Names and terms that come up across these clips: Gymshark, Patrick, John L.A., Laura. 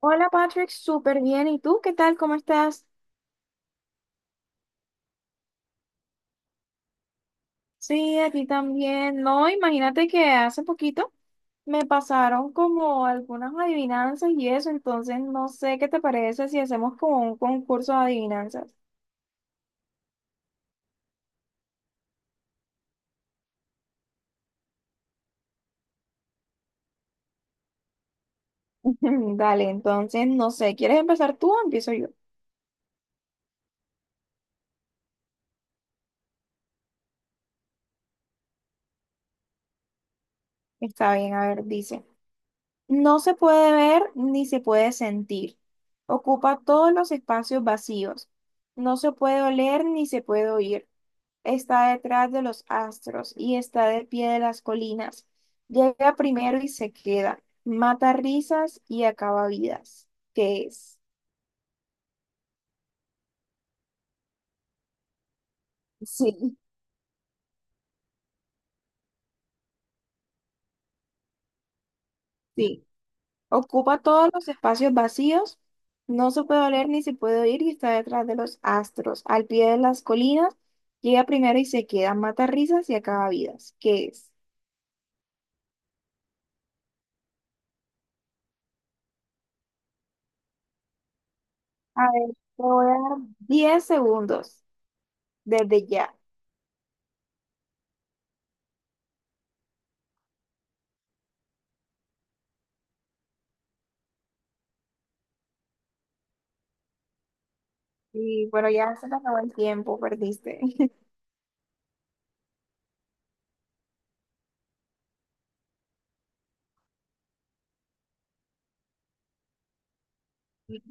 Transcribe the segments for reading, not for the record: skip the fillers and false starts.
Hola Patrick, súper bien. ¿Y tú qué tal? ¿Cómo estás? Sí, aquí también. No, imagínate que hace poquito me pasaron como algunas adivinanzas y eso, entonces no sé qué te parece si hacemos como un concurso de adivinanzas. Dale, entonces no sé, ¿quieres empezar tú o empiezo yo? Está bien, a ver, dice, no se puede ver ni se puede sentir. Ocupa todos los espacios vacíos. No se puede oler ni se puede oír. Está detrás de los astros y está de pie de las colinas. Llega primero y se queda, mata risas y acaba vidas. ¿Qué es? Sí. Sí. Ocupa todos los espacios vacíos, no se puede oler ni se puede oír y está detrás de los astros, al pie de las colinas. Llega primero y se queda, mata risas y acaba vidas. ¿Qué es? A ver, te voy a dar 10 segundos desde ya. Y bueno, ya se te acabó el tiempo, perdiste.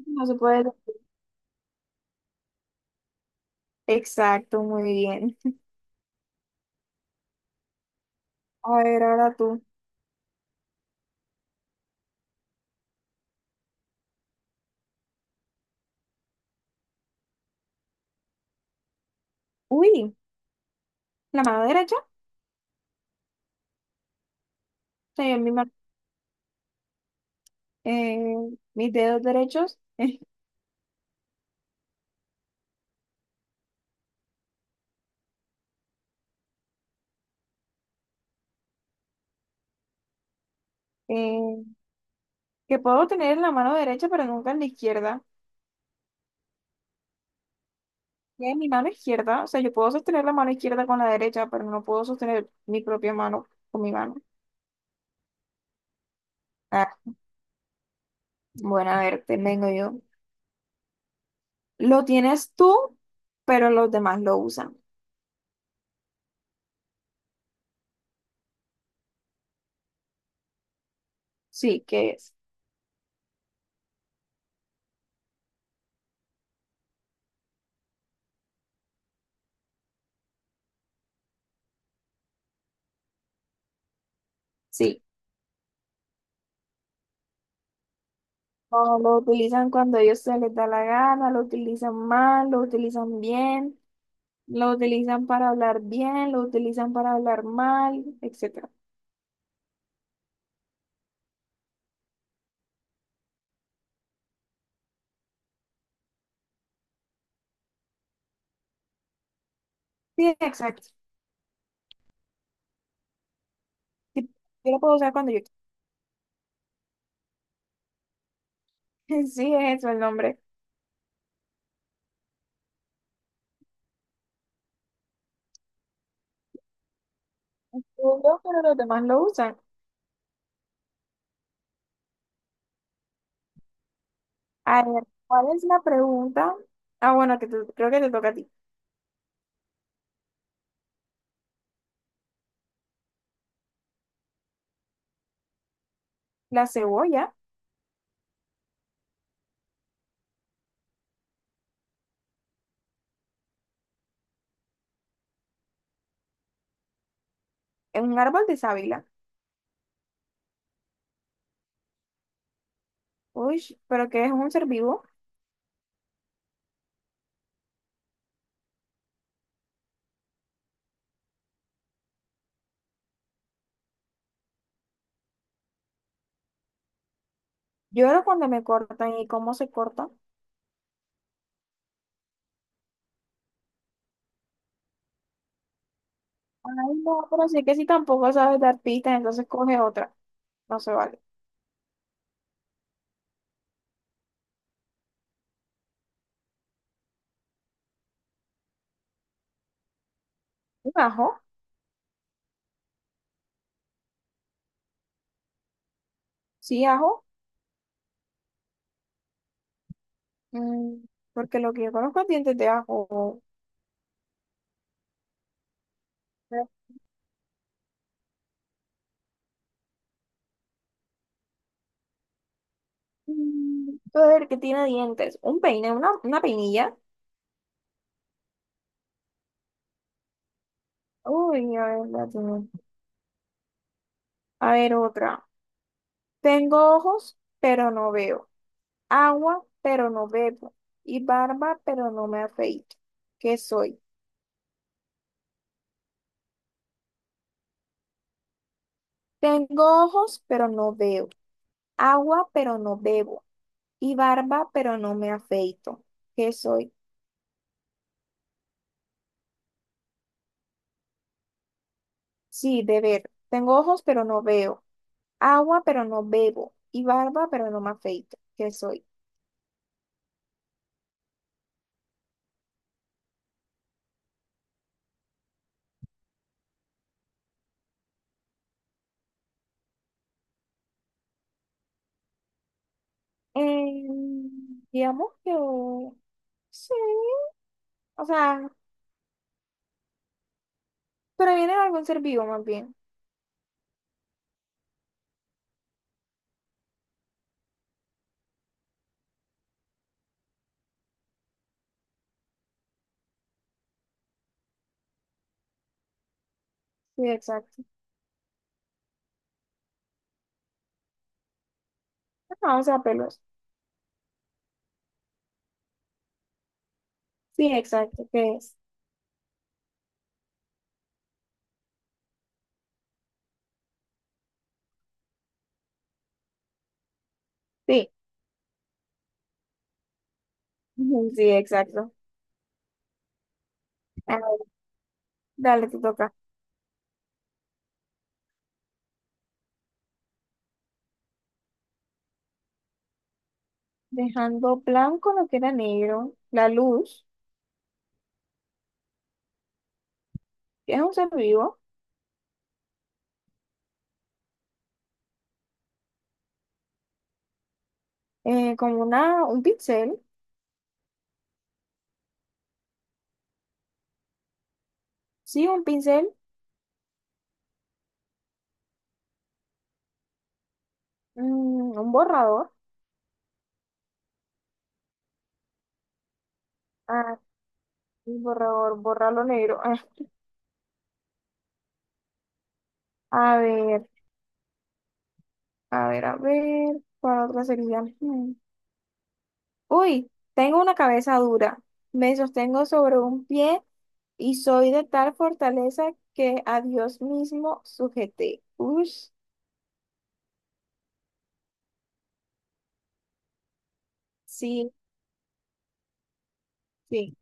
No se puede. Exacto, muy bien. A ver, ahora tú. Uy, la mano derecha. O sea, yo eh, mis dedos derechos. eh, que puedo tener en la mano derecha, pero nunca en la izquierda. Y en mi mano izquierda. O sea, yo puedo sostener la mano izquierda con la derecha, pero no puedo sostener mi propia mano con mi mano. Ah, bueno, a ver, te vengo yo. Lo tienes tú, pero los demás lo usan. Sí, ¿qué es? Sí. No, lo utilizan cuando a ellos se les da la gana, lo utilizan mal, lo utilizan bien, lo utilizan para hablar bien, lo utilizan para hablar mal, etcétera. Sí, exacto. Sí, yo lo puedo usar cuando yo quiera. Sí, es eso el nombre. Yo, pero los demás lo usan. A ver, ¿cuál es la pregunta? Ah, bueno, creo que te toca a ti. La cebolla es un árbol de sábila. Uy, pero que es un ser vivo. Lloro cuando me cortan y cómo se corta. Ay, no, pero sí que si tampoco sabes dar pistas, entonces coge otra. No se vale. ¿Un ajo? Sí, ajo. Mm, porque lo que yo conozco es dientes de ajo. Mm, a ver, ¿qué tiene dientes? Un peine, una peinilla. Uy, a ver, la tengo. A ver, otra. Tengo ojos, pero no veo. Agua, pero no bebo. Y barba, pero no me afeito. ¿Qué soy? Tengo ojos, pero no veo. Agua, pero no bebo. Y barba, pero no me afeito. ¿Qué soy? Sí, de ver. Tengo ojos, pero no veo. Agua, pero no bebo. Y barba, pero no me afeito. ¿Qué soy? Digamos que... Sí, o sea, pero viene de algún ser vivo más bien. Sí, exacto. Vamos a pelos. Sí, exacto. ¿Qué es? Sí, ujú, sí, exacto. A ver, dale, te toca. Dejando blanco lo que era negro, la luz, que es un ser vivo, como una, un pincel. Sí, un pincel, mm, un borrador. Ah, un borrador, borrar lo negro. Ah, a ver, a ver, a ver, ¿cuál otra sería? Mm. Uy, tengo una cabeza dura. Me sostengo sobre un pie y soy de tal fortaleza que a Dios mismo sujeté. Uy, sí, sí.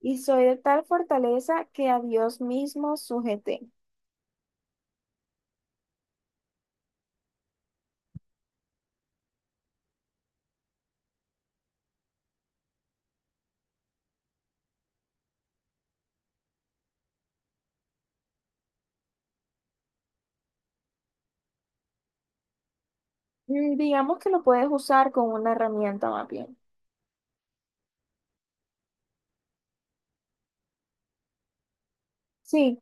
Y soy de tal fortaleza que a Dios mismo sujeté. Mm, digamos que lo puedes usar con una herramienta más bien. Sí,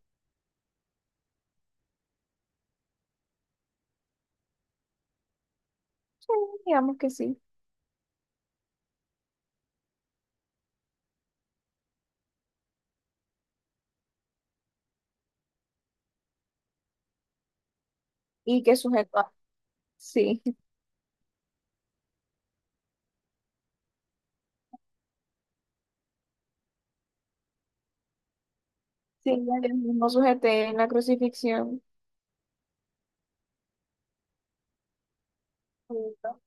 sí, digamos que sí. Y que sujeto sí, sí, ya mismo sujeté en la crucifixión. Bonito.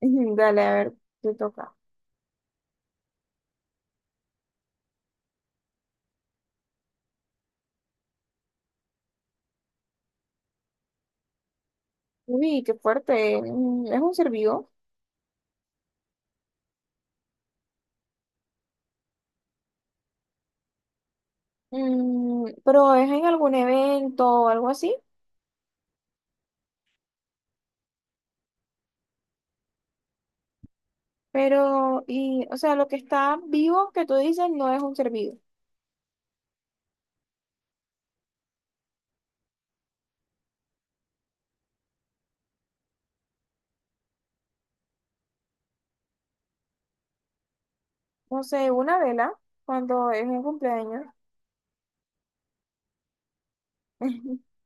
Ujú, dale, a ver, te toca. Uy, qué fuerte. Mm, es un servidor. Mm, pero es en algún evento o algo así. Pero, y, o sea, lo que está vivo que tú dices no es un servido. No sé, una vela, cuando es un cumpleaños.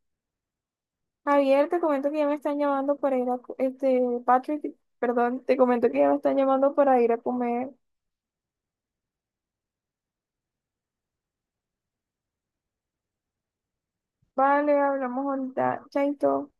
Javier, te comento que ya me están llamando para ir a, co- este, Patrick, perdón, te comento que ya me están llamando para ir a comer. Vale, hablamos ahorita. Chaito.